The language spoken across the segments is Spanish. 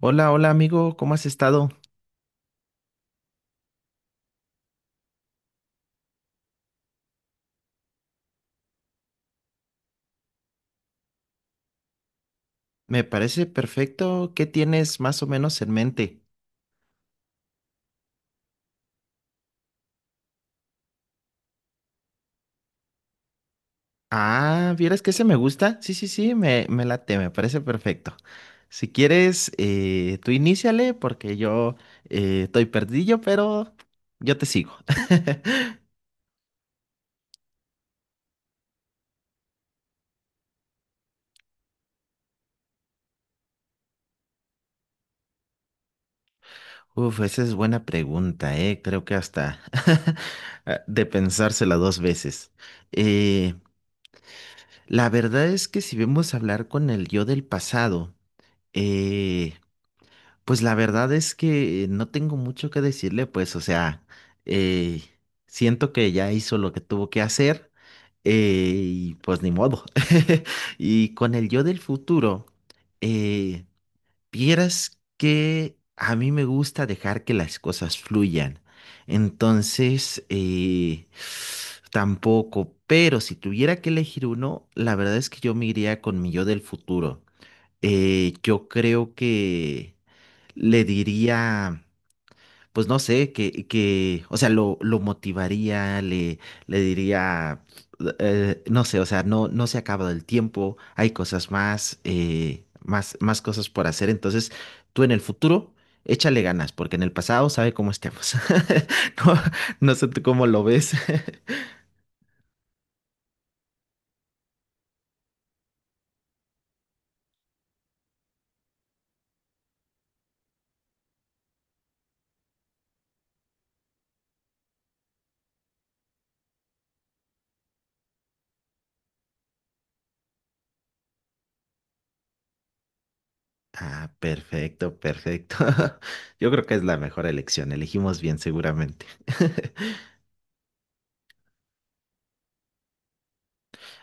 Hola, hola amigo, ¿cómo has estado? Me parece perfecto. ¿Qué tienes más o menos en mente? Ah, ¿vieras que ese me gusta? Sí, sí, sí, me late, me parece perfecto. Si quieres, tú iníciale porque yo estoy perdido, pero yo te sigo. Uf, esa es buena pregunta, eh. Creo que hasta ah, de pensársela dos veces. Eh, la verdad es que si vemos hablar con el yo del pasado, eh, pues la verdad es que no tengo mucho que decirle, pues, o sea, eh, siento que ya hizo lo que tuvo que hacer, y pues ni modo. Y con el yo del futuro, eh, vieras que a mí me gusta dejar que las cosas fluyan. Entonces, tampoco, pero si tuviera que elegir uno, la verdad es que yo me iría con mi yo del futuro. Yo creo que le diría, pues no sé, que, o sea, lo motivaría, le diría, no sé, o sea, no, no se ha acabado el tiempo, hay cosas más, más, más cosas por hacer, entonces tú en el futuro, échale ganas, porque en el pasado sabe cómo estemos. No, no sé tú cómo lo ves. Ah, perfecto, perfecto. Yo creo que es la mejor elección, elegimos bien seguramente.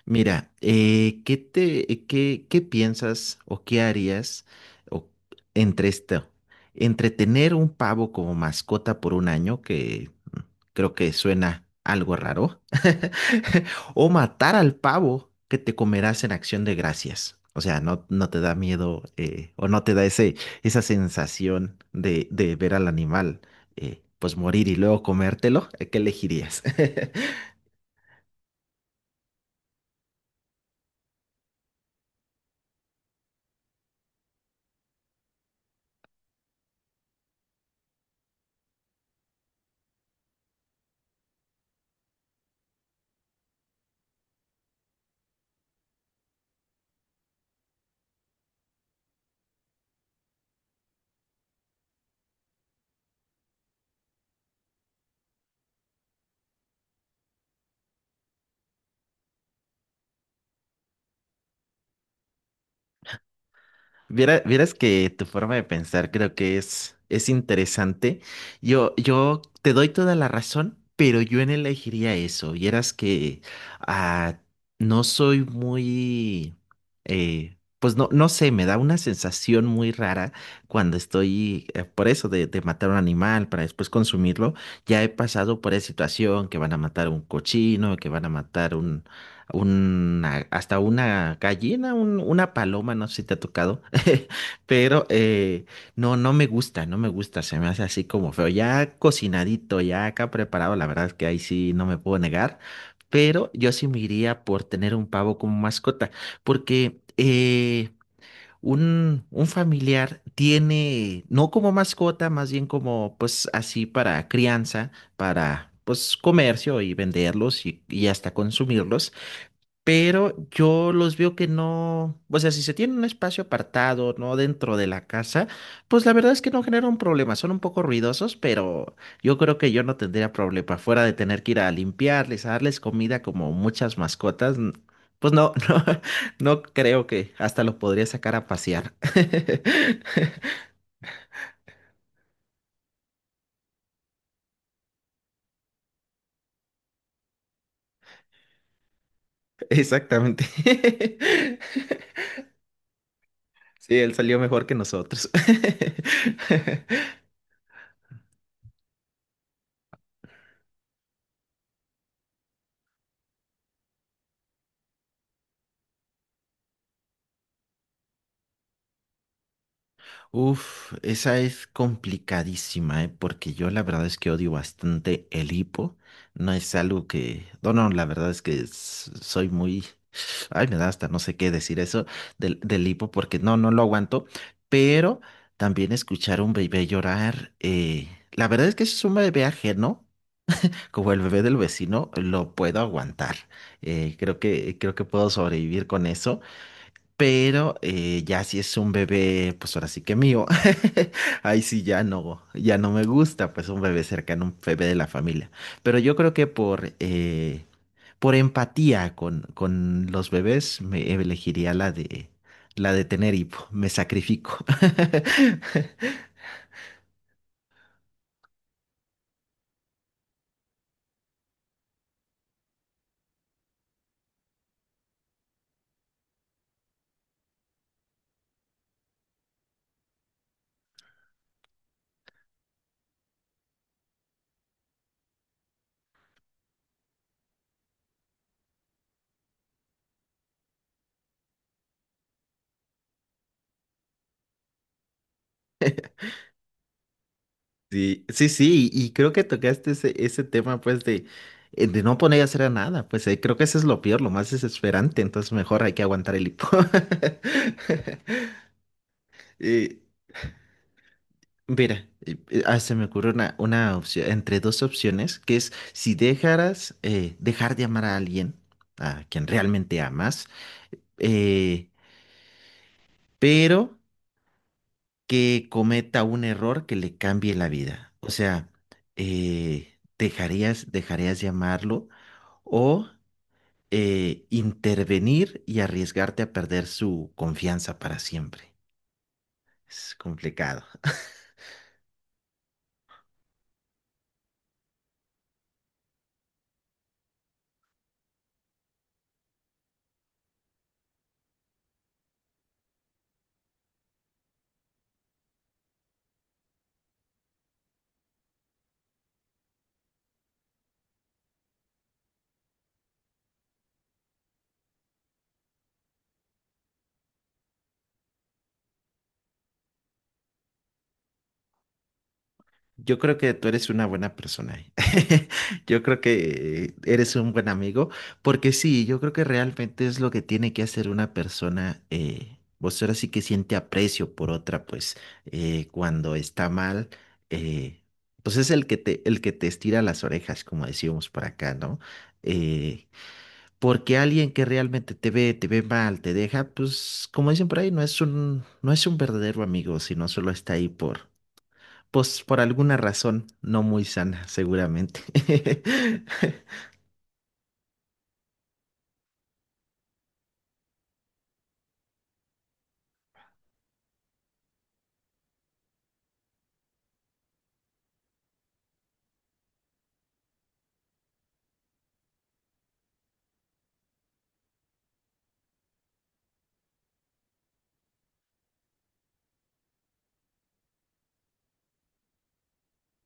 Mira, ¿qué te, qué, qué piensas o qué harías o- entre esto? Entre tener un pavo como mascota por un año, que creo que suena algo raro, o matar al pavo que te comerás en Acción de Gracias. O sea, no, no te da miedo, o no te da ese, esa sensación de ver al animal, pues morir y luego comértelo. ¿Qué elegirías? Vieras que tu forma de pensar creo que es interesante. Yo te doy toda la razón, pero yo en elegiría eso. Vieras que ah, no soy muy, pues no, no sé, me da una sensación muy rara cuando estoy, por eso de matar un animal para después consumirlo. Ya he pasado por esa situación que van a matar un cochino, que van a matar una, hasta una gallina, una paloma, no sé si te ha tocado, pero no, no me gusta, no me gusta, se me hace así como feo, ya cocinadito, ya acá preparado, la verdad es que ahí sí no me puedo negar, pero yo sí me iría por tener un pavo como mascota, porque... un familiar tiene, no como mascota, más bien como pues así para crianza, para pues comercio y venderlos y hasta consumirlos, pero yo los veo que no, o sea, si se tiene un espacio apartado, no dentro de la casa, pues la verdad es que no generan problema. Son un poco ruidosos, pero yo creo que yo no tendría problema, fuera de tener que ir a limpiarles, a darles comida como muchas mascotas, pues no, no, no creo que hasta los podría sacar a pasear. Exactamente. Sí, él salió mejor que nosotros. Uf, esa es complicadísima, ¿eh? Porque yo la verdad es que odio bastante el hipo. No es algo que... No, no, la verdad es que soy muy... Ay, me da hasta no sé qué decir eso del, del hipo porque no, no lo aguanto. Pero también escuchar a un bebé llorar, la verdad es que si es un bebé ajeno, como el bebé del vecino, lo puedo aguantar. Creo que puedo sobrevivir con eso. Pero ya si es un bebé, pues ahora sí que mío. Ahí sí ya no, ya no me gusta, pues un bebé cercano, un bebé de la familia. Pero yo creo que por empatía con los bebés, me elegiría la de tener hipo. Me sacrifico. Sí, sí, sí, y creo que tocaste ese, ese tema, pues, de no poner a hacer a nada, pues, creo que eso es lo peor, lo más desesperante, entonces mejor hay que aguantar el hipo. Eh, mira, se me ocurre una opción, entre dos opciones, que es si dejaras dejar de amar a alguien, a quien realmente amas, eh, pero que cometa un error que le cambie la vida. O sea, dejarías, dejarías de amarlo o intervenir y arriesgarte a perder su confianza para siempre. Es complicado. Yo creo que tú eres una buena persona. Yo creo que eres un buen amigo, porque sí, yo creo que realmente es lo que tiene que hacer una persona. Vos ahora sí que siente aprecio por otra, pues cuando está mal, eh, pues es el que te estira las orejas, como decíamos por acá, ¿no? Eh, porque alguien que realmente te ve mal, te deja, pues como dicen por ahí, no es un, no es un verdadero amigo, sino solo está ahí por. Pues por alguna razón no muy sana, seguramente.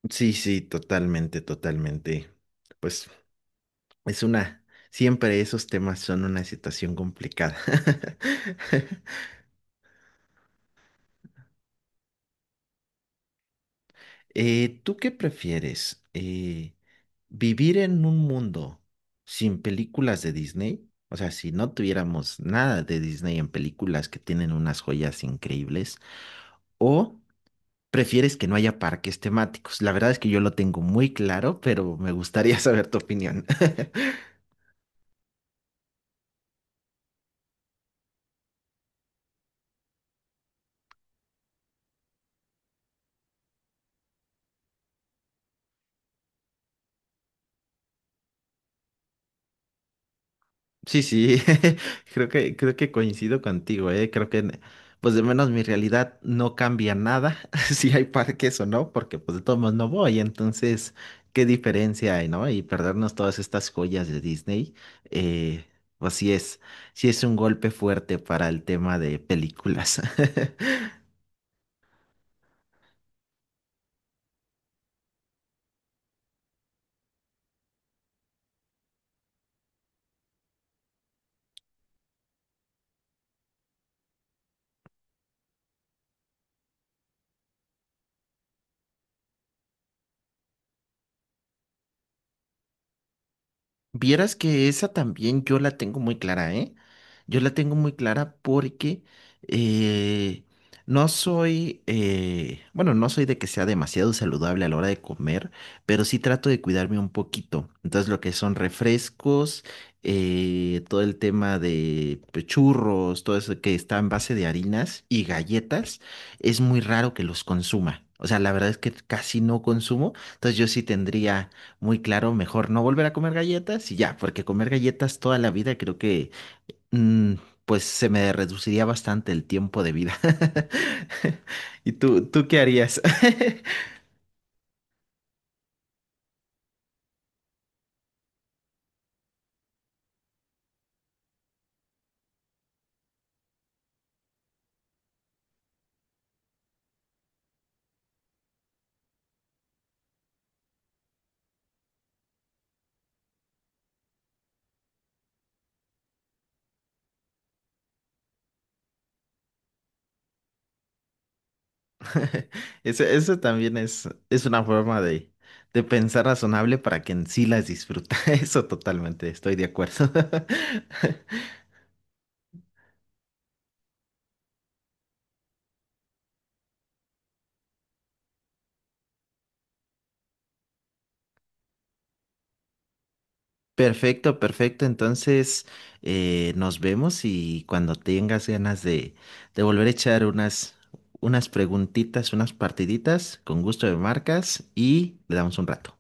Sí, sí, totalmente, totalmente. Pues es una, siempre esos temas son una situación complicada. ¿Tú qué prefieres? ¿Vivir en un mundo sin películas de Disney? O sea, si no tuviéramos nada de Disney en películas que tienen unas joyas increíbles, o prefieres que no haya parques temáticos. La verdad es que yo lo tengo muy claro, pero me gustaría saber tu opinión. Sí, sí, creo que coincido contigo, ¿eh? Creo que, pues de menos mi realidad no cambia nada si hay parques o no, porque pues de todos modos no voy, entonces, ¿qué diferencia hay, no? Y perdernos todas estas joyas de Disney, eh, pues sí es un golpe fuerte para el tema de películas. Vieras que esa también yo la tengo muy clara, ¿eh? Yo la tengo muy clara porque eh, no soy, bueno, no soy de que sea demasiado saludable a la hora de comer, pero sí trato de cuidarme un poquito. Entonces, lo que son refrescos, todo el tema de pues, churros, todo eso que está en base de harinas y galletas, es muy raro que los consuma. O sea, la verdad es que casi no consumo, entonces yo sí tendría muy claro, mejor no volver a comer galletas y ya, porque comer galletas toda la vida creo que mm, pues se me reduciría bastante el tiempo de vida. ¿Y tú qué harías? Eso también es una forma de pensar razonable para que en sí las disfruta. Eso totalmente, estoy de acuerdo. Perfecto, perfecto. Entonces, nos vemos y cuando tengas ganas de volver a echar unas, unas preguntitas, unas partiditas, con gusto de marcas y le damos un rato.